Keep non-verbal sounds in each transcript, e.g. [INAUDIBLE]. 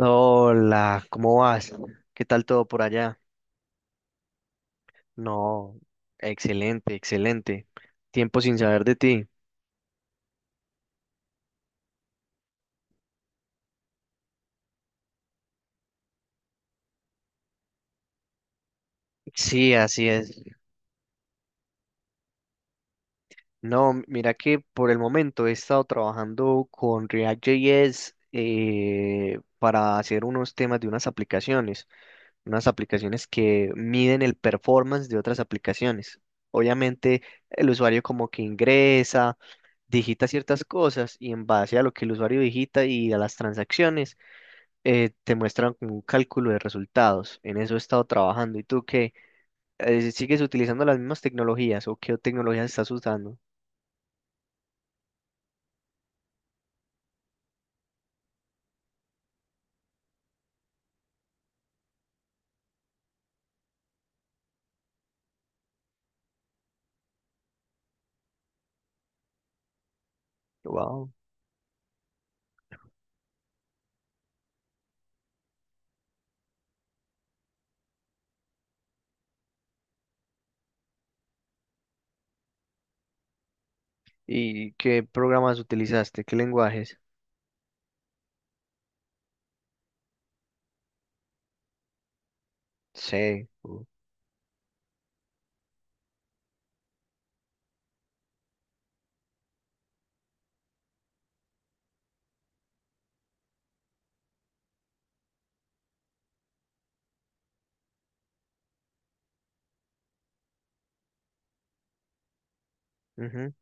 Hola, ¿cómo vas? ¿Qué tal todo por allá? No, excelente, excelente. Tiempo sin saber de ti. Sí, así es. No, mira que por el momento he estado trabajando con React.js para hacer unos temas de unas aplicaciones que miden el performance de otras aplicaciones. Obviamente, el usuario como que ingresa digita ciertas cosas y en base a lo que el usuario digita y a las transacciones, te muestran como un cálculo de resultados. En eso he estado trabajando. ¿Y tú qué? Si ¿sigues utilizando las mismas tecnologías o qué tecnologías estás usando? Wow. ¿Y qué programas utilizaste? ¿Qué lenguajes? Sí. Ujú.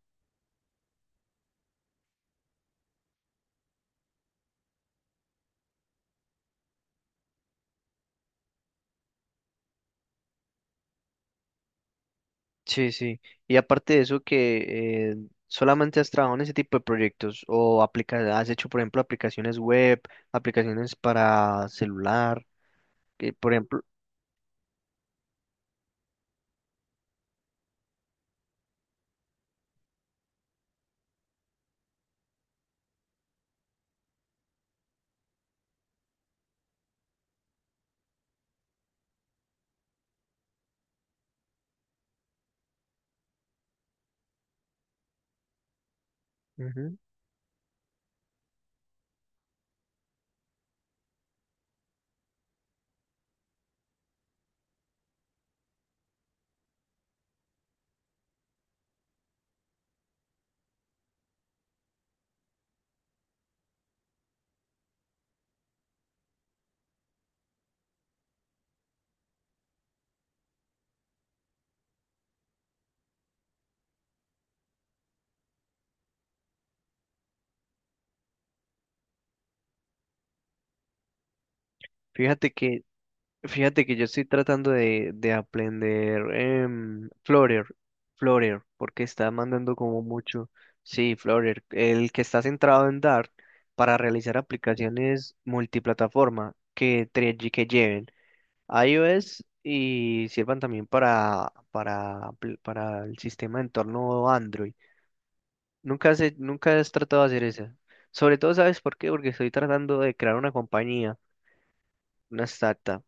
Sí, sí. Y aparte de eso, que solamente has trabajado en ese tipo de proyectos o aplica has hecho, por ejemplo, aplicaciones web, aplicaciones para celular, que por ejemplo, ujú. Fíjate que fíjate que yo estoy tratando de aprender Flutter, Flutter, porque está mandando como mucho. Sí, Flutter, el que está centrado en Dart para realizar aplicaciones multiplataforma que, que lleven iOS y sirvan también para el sistema de entorno Android. Nunca has tratado de hacer eso. Sobre todo, ¿sabes por qué? Porque estoy tratando de crear una compañía, una startup.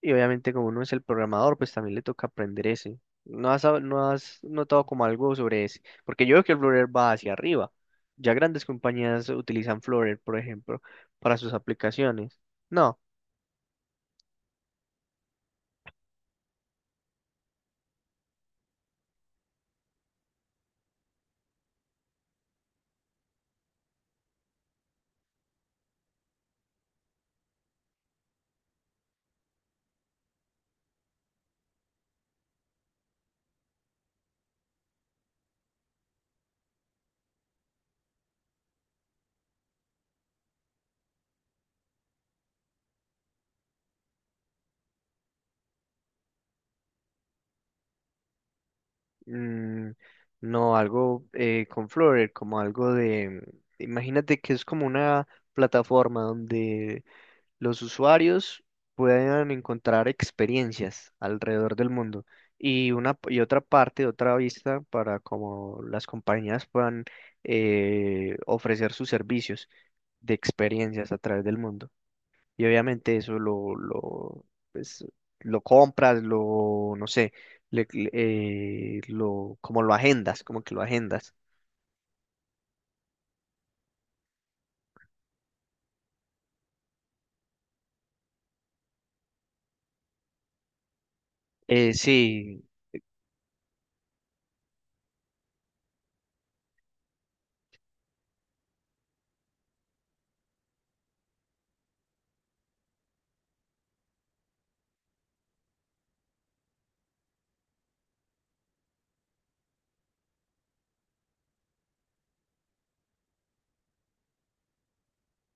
Y obviamente como uno es el programador, pues también le toca aprender ese. ¿No has notado como algo sobre ese? Porque yo veo que el Flutter va hacia arriba. Ya grandes compañías utilizan Flutter, por ejemplo, para sus aplicaciones. No, mm, no algo con Flutter, como algo de... Imagínate que es como una plataforma donde los usuarios puedan encontrar experiencias alrededor del mundo y una y otra parte, otra vista para como las compañías puedan ofrecer sus servicios de experiencias a través del mundo. Y obviamente eso pues, lo compras, lo, no sé, lo, como lo agendas, como que lo agendas. Sí.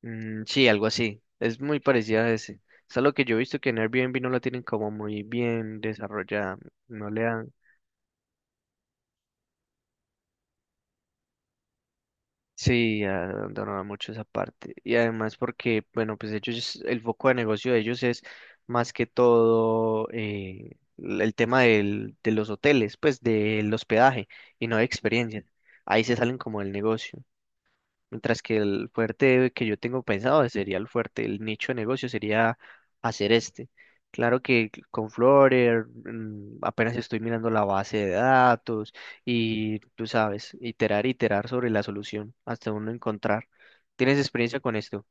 Mm, sí, algo así. Es muy parecida a ese. Es algo que yo he visto que en Airbnb no la tienen como muy bien desarrollada. No le dan. Sí, abandonaron mucho esa parte. Y además porque, bueno, pues ellos, el foco de negocio de ellos es más que todo el tema de los hoteles, pues del hospedaje y no de experiencias. Ahí se salen como del negocio. Mientras que el fuerte que yo tengo pensado sería el fuerte, el nicho de negocio sería hacer este. Claro que con Flutter mm, apenas estoy mirando la base de datos y tú sabes, iterar, iterar sobre la solución hasta uno encontrar. ¿Tienes experiencia con esto?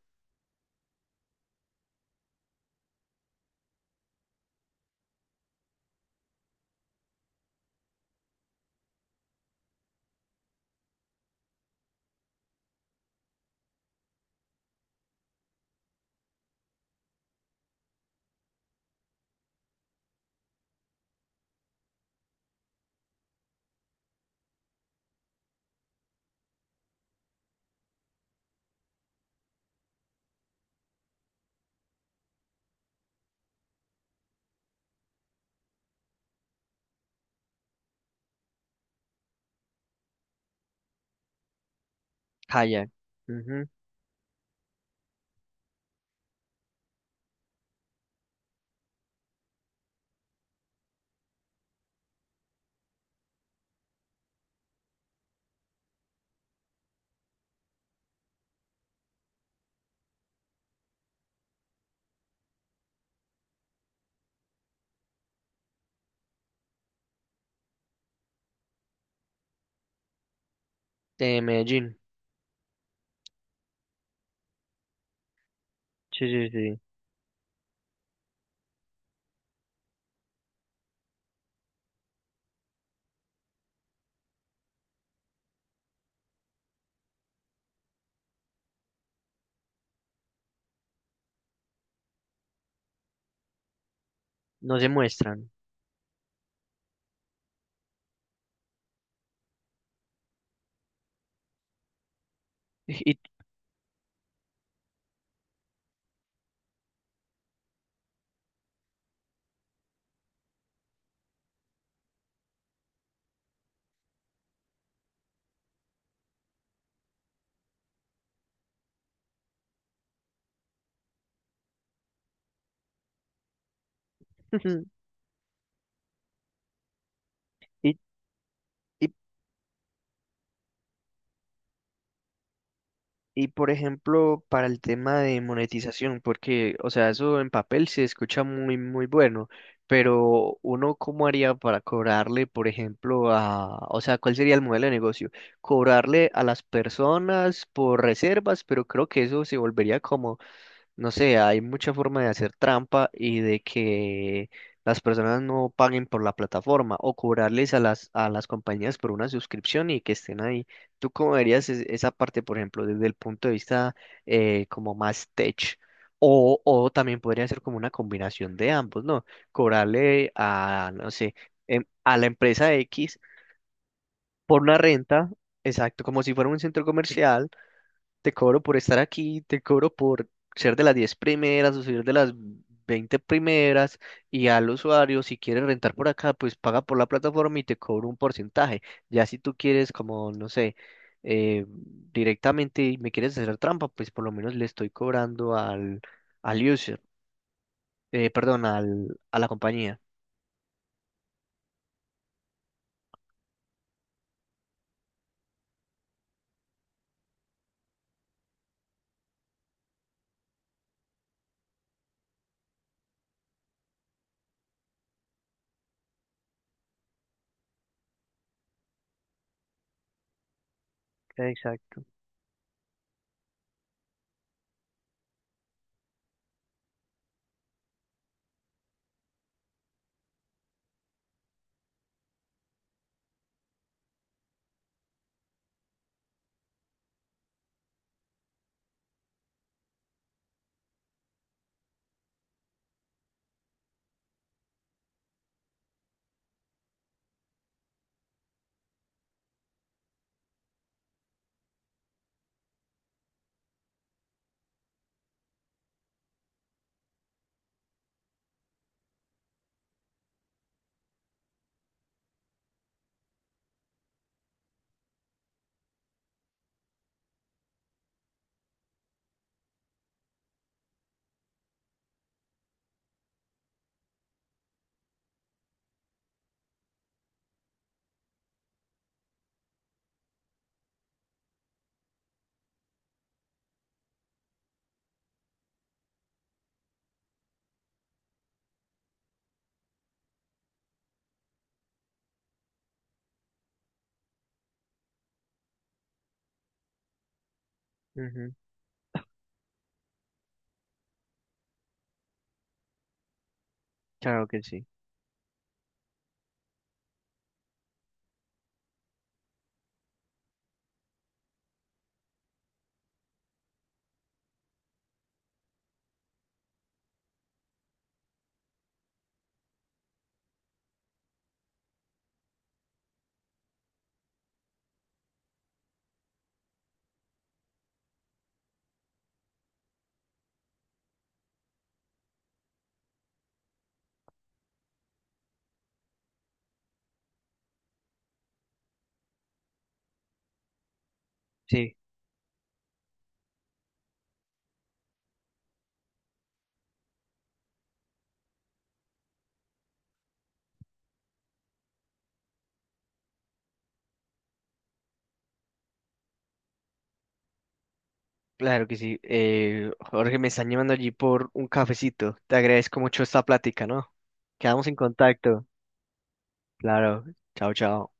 Kayak. Ujú. De Medellín. Sí, sí, sí. No se muestran. [LAUGHS] Y, [LAUGHS] y, Y por ejemplo, para el tema de monetización, porque, o sea, eso en papel se escucha muy, muy bueno, pero uno, ¿cómo haría para cobrarle, por ejemplo, a, o sea, cuál sería el modelo de negocio? Cobrarle a las personas por reservas, pero creo que eso se volvería como no sé, hay mucha forma de hacer trampa y de que las personas no paguen por la plataforma o cobrarles a las compañías por una suscripción y que estén ahí. ¿Tú cómo verías es- esa parte, por ejemplo, desde el punto de vista como más tech? O también podría ser como una combinación de ambos, ¿no? Cobrarle a, no sé, a la empresa X por una renta, exacto, como si fuera un centro comercial te cobro por estar aquí, te cobro por ser de las 10 primeras o ser de las 20 primeras y al usuario, si quieres rentar por acá, pues paga por la plataforma y te cobro un porcentaje. Ya si tú quieres como, no sé, eh, directamente y me quieres hacer trampa, pues por lo menos le estoy cobrando al, al user, perdón, al, a la compañía. Exacto. Ujú. Claro que sí. Sí. Claro que sí. Jorge, me están llamando allí por un cafecito. Te agradezco mucho esta plática, ¿no? Quedamos en contacto. Claro. Chao, chao.